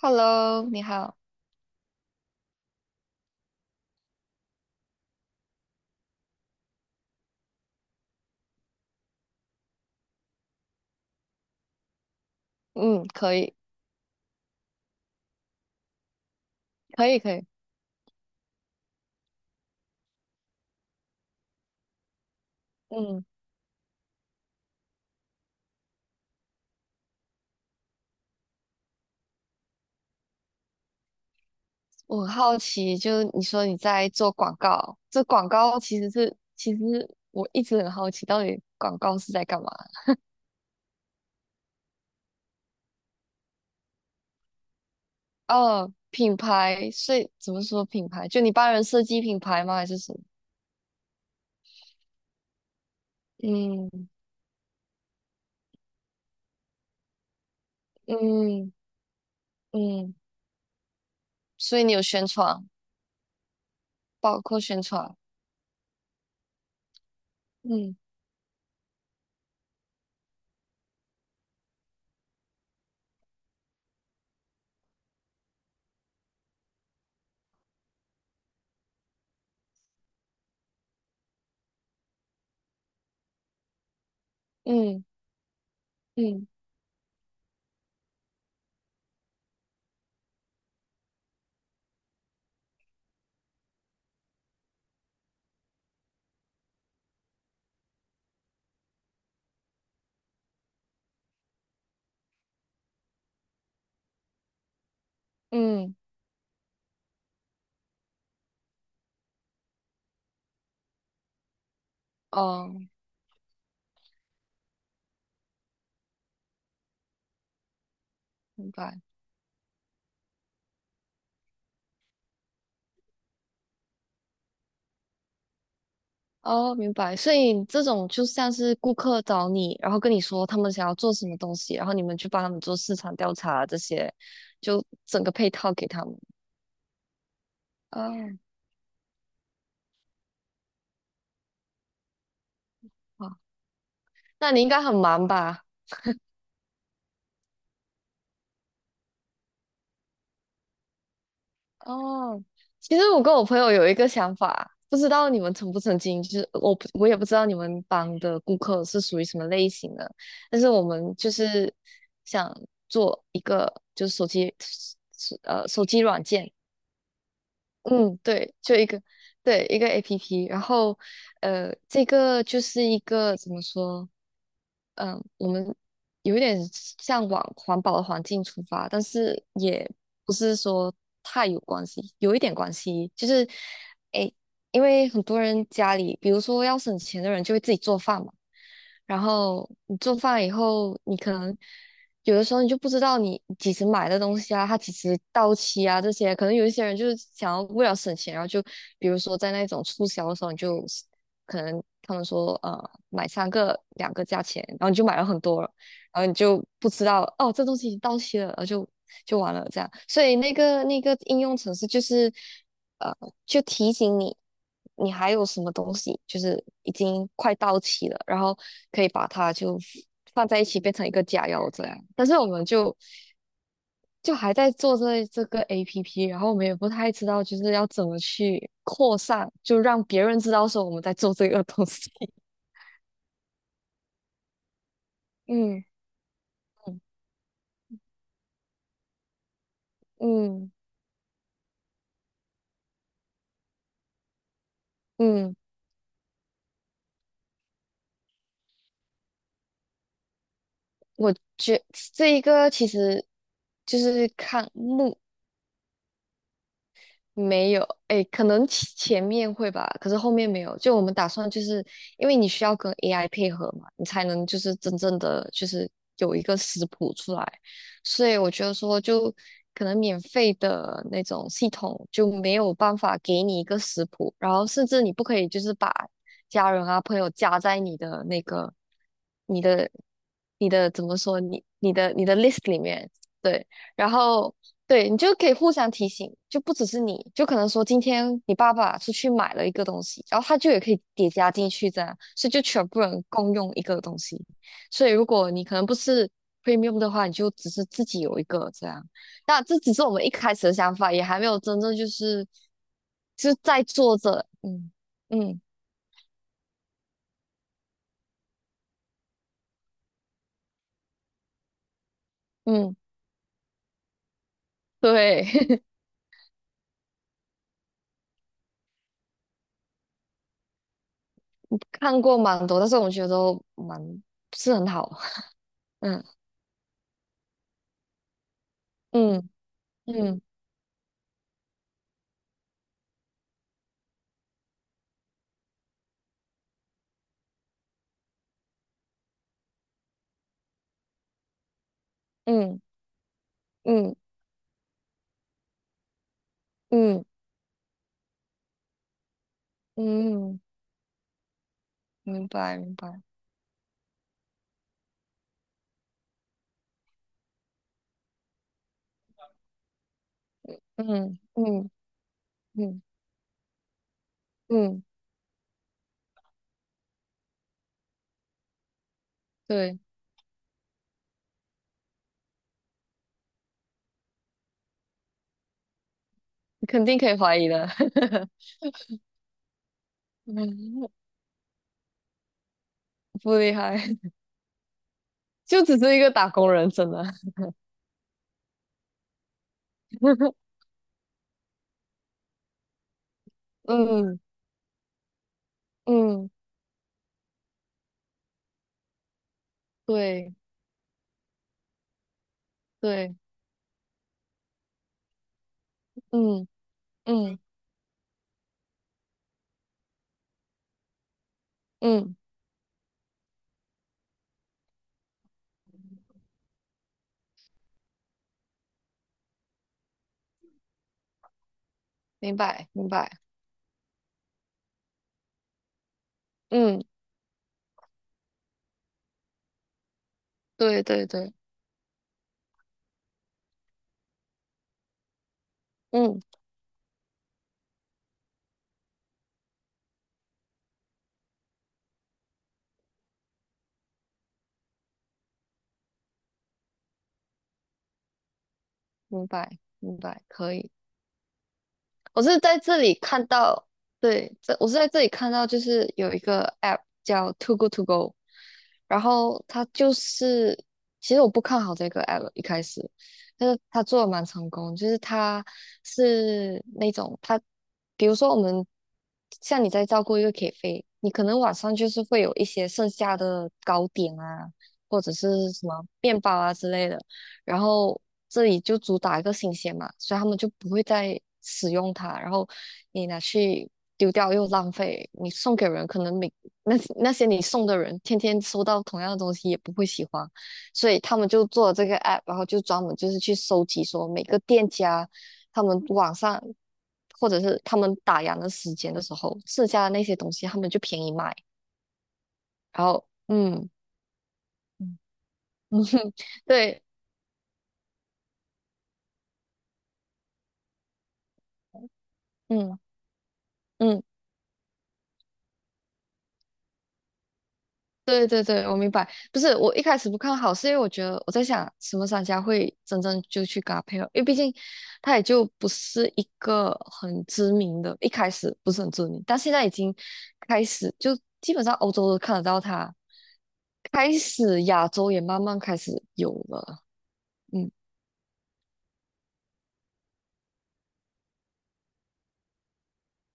Hello，你好。嗯，可以，可以，可以。嗯，我很好奇，就是你说你在做广告，这广告其实是，其实我一直很好奇，到底广告是在干嘛？哦，品牌，所以怎么说品牌？就你帮人设计品牌吗？还是什么？嗯嗯嗯，所以你有宣传，包括宣传。嗯嗯嗯嗯，哦，明白。哦，明白。所以这种就像是顾客找你，然后跟你说他们想要做什么东西，然后你们去帮他们做市场调查这些，就整个配套给他们。哦，好，那你应该很忙吧？哦，其实我跟我朋友有一个想法，不知道你们曾不曾经，就是我也不知道你们帮的顾客是属于什么类型的，但是我们就是想做一个就是手机软件。嗯，对，就一个，对，一个 APP，然后，这个就是一个怎么说？嗯，我们有一点向往环保的环境出发，但是也不是说太有关系，有一点关系，就是，诶，因为很多人家里，比如说要省钱的人就会自己做饭嘛，然后你做饭以后，你可能有的时候你就不知道你几时买的东西啊，它几时到期啊，这些可能有一些人就是想要为了省钱，然后就比如说在那种促销的时候，你就可能他们说买三个两个价钱，然后你就买了很多了，然后你就不知道哦这东西已经到期了，然后就完了这样。所以那个应用程式就是呃就提醒你你还有什么东西就是已经快到期了，然后可以把它就放在一起变成一个假药这样。但是我们就还在做这个 APP，然后我们也不太知道就是要怎么去扩散，就让别人知道说我们在做这个东西。嗯嗯嗯，我觉这一个其实就是没有，哎，可能前面会吧，可是后面没有。就我们打算，就是因为你需要跟 AI 配合嘛，你才能就是真正的就是有一个食谱出来。所以我觉得说，就可能免费的那种系统就没有办法给你一个食谱，然后甚至你不可以就是把家人啊朋友加在你的那个你的你的怎么说你的 list 里面，对。然后对你就可以互相提醒，就不只是你，就可能说今天你爸爸出去买了一个东西，然后他就也可以叠加进去这样，所以就全部人共用一个东西。所以如果你可能不是 premium 的话，你就只是自己有一个这样。那这只是我们一开始的想法，也还没有真正就是在做着，嗯嗯嗯，对，看过蛮多，但是我们觉得都蛮不是很好，嗯嗯嗯嗯嗯。嗯嗯，明白明白，嗯嗯嗯嗯，对，你肯定可以怀疑的，嗯，不厉害，就只是一个打工人，真的，嗯嗯，对对，嗯嗯嗯，明白明白，嗯，对对对，嗯，明白明白，可以。我是在这里看到，对，这我是在这里看到，就是有一个 app 叫 t o g o To Go，然后它就是，其实我不看好这个 app 一开始，但是它做的蛮成功，就是它是那种它，比如说我们像你在照顾一个 K 飞，你可能晚上就是会有一些剩下的糕点啊，或者是什么面包啊之类的。然后这里就主打一个新鲜嘛，所以他们就不会再使用它。然后你拿去丢掉又浪费，你送给人可能那那些你送的人天天收到同样的东西也不会喜欢，所以他们就做了这个 app，然后就专门就是去收集说每个店家他们网上或者是他们打烊的时间的时候剩下的那些东西，他们就便宜卖。然后嗯嗯 哼，对嗯嗯。对对对，我明白。不是我一开始不看好，是因为我觉得我在想，什么商家会真正就去搭配合？因为毕竟他也就不是一个很知名的，一开始不是很知名，但现在已经开始，就基本上欧洲都看得到他，开始亚洲也慢慢开始有了。嗯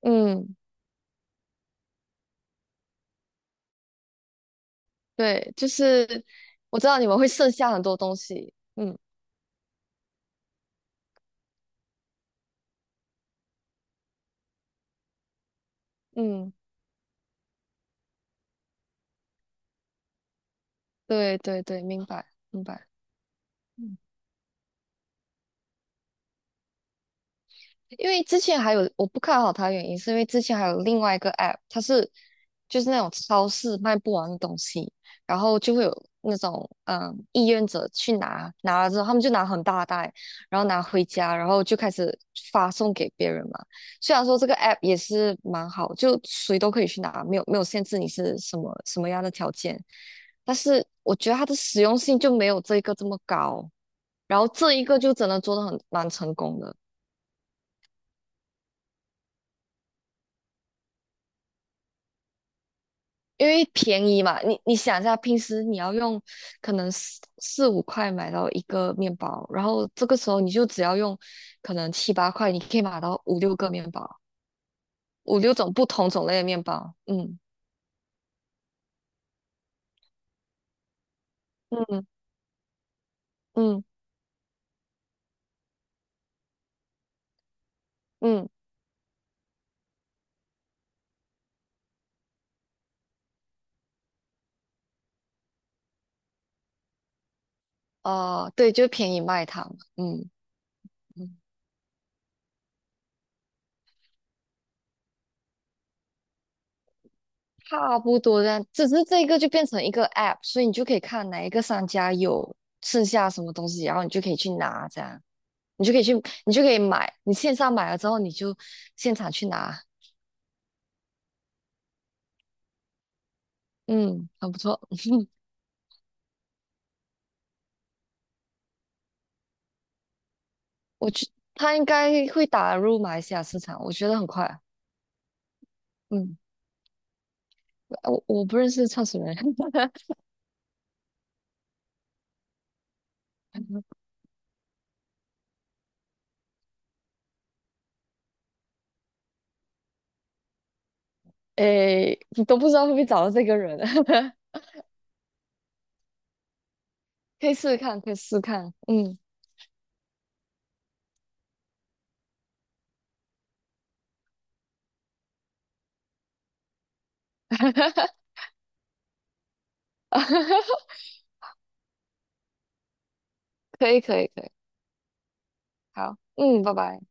嗯，对，就是我知道你们会剩下很多东西。嗯嗯，对对对，明白明白。因为之前还有我不看好它的原因，是因为之前还有另外一个 app，它是就是那种超市卖不完的东西，然后就会有那种意愿者去拿，拿了之后他们就拿很大袋，然后拿回家，然后就开始发送给别人嘛。虽然说这个 app 也是蛮好，就谁都可以去拿，没有没有限制你是什么什么样的条件，但是我觉得它的实用性就没有这一个这么高，然后这一个就真的做的很蛮成功的。因为便宜嘛，你想一下，平时你要用可能四五块买到一个面包，然后这个时候你就只要用可能七八块，你可以买到五六个面包，五六种不同种类的面包。嗯嗯嗯嗯，哦、对，就便宜卖它嘛嗯嗯，差不多这样，只是这个就变成一个 app，所以你就可以看哪一个商家有剩下什么东西，然后你就可以去拿，这样你就可以去，你就可以买，你线上买了之后，你就现场去拿。嗯，很不错。我觉他应该会打入马来西亚市场，我觉得很快。嗯，我不认识创始人，诶，你都不知道会不会找到这个人，可以试试看，可以试试看。嗯，可以，可以，可以。好，嗯，拜拜。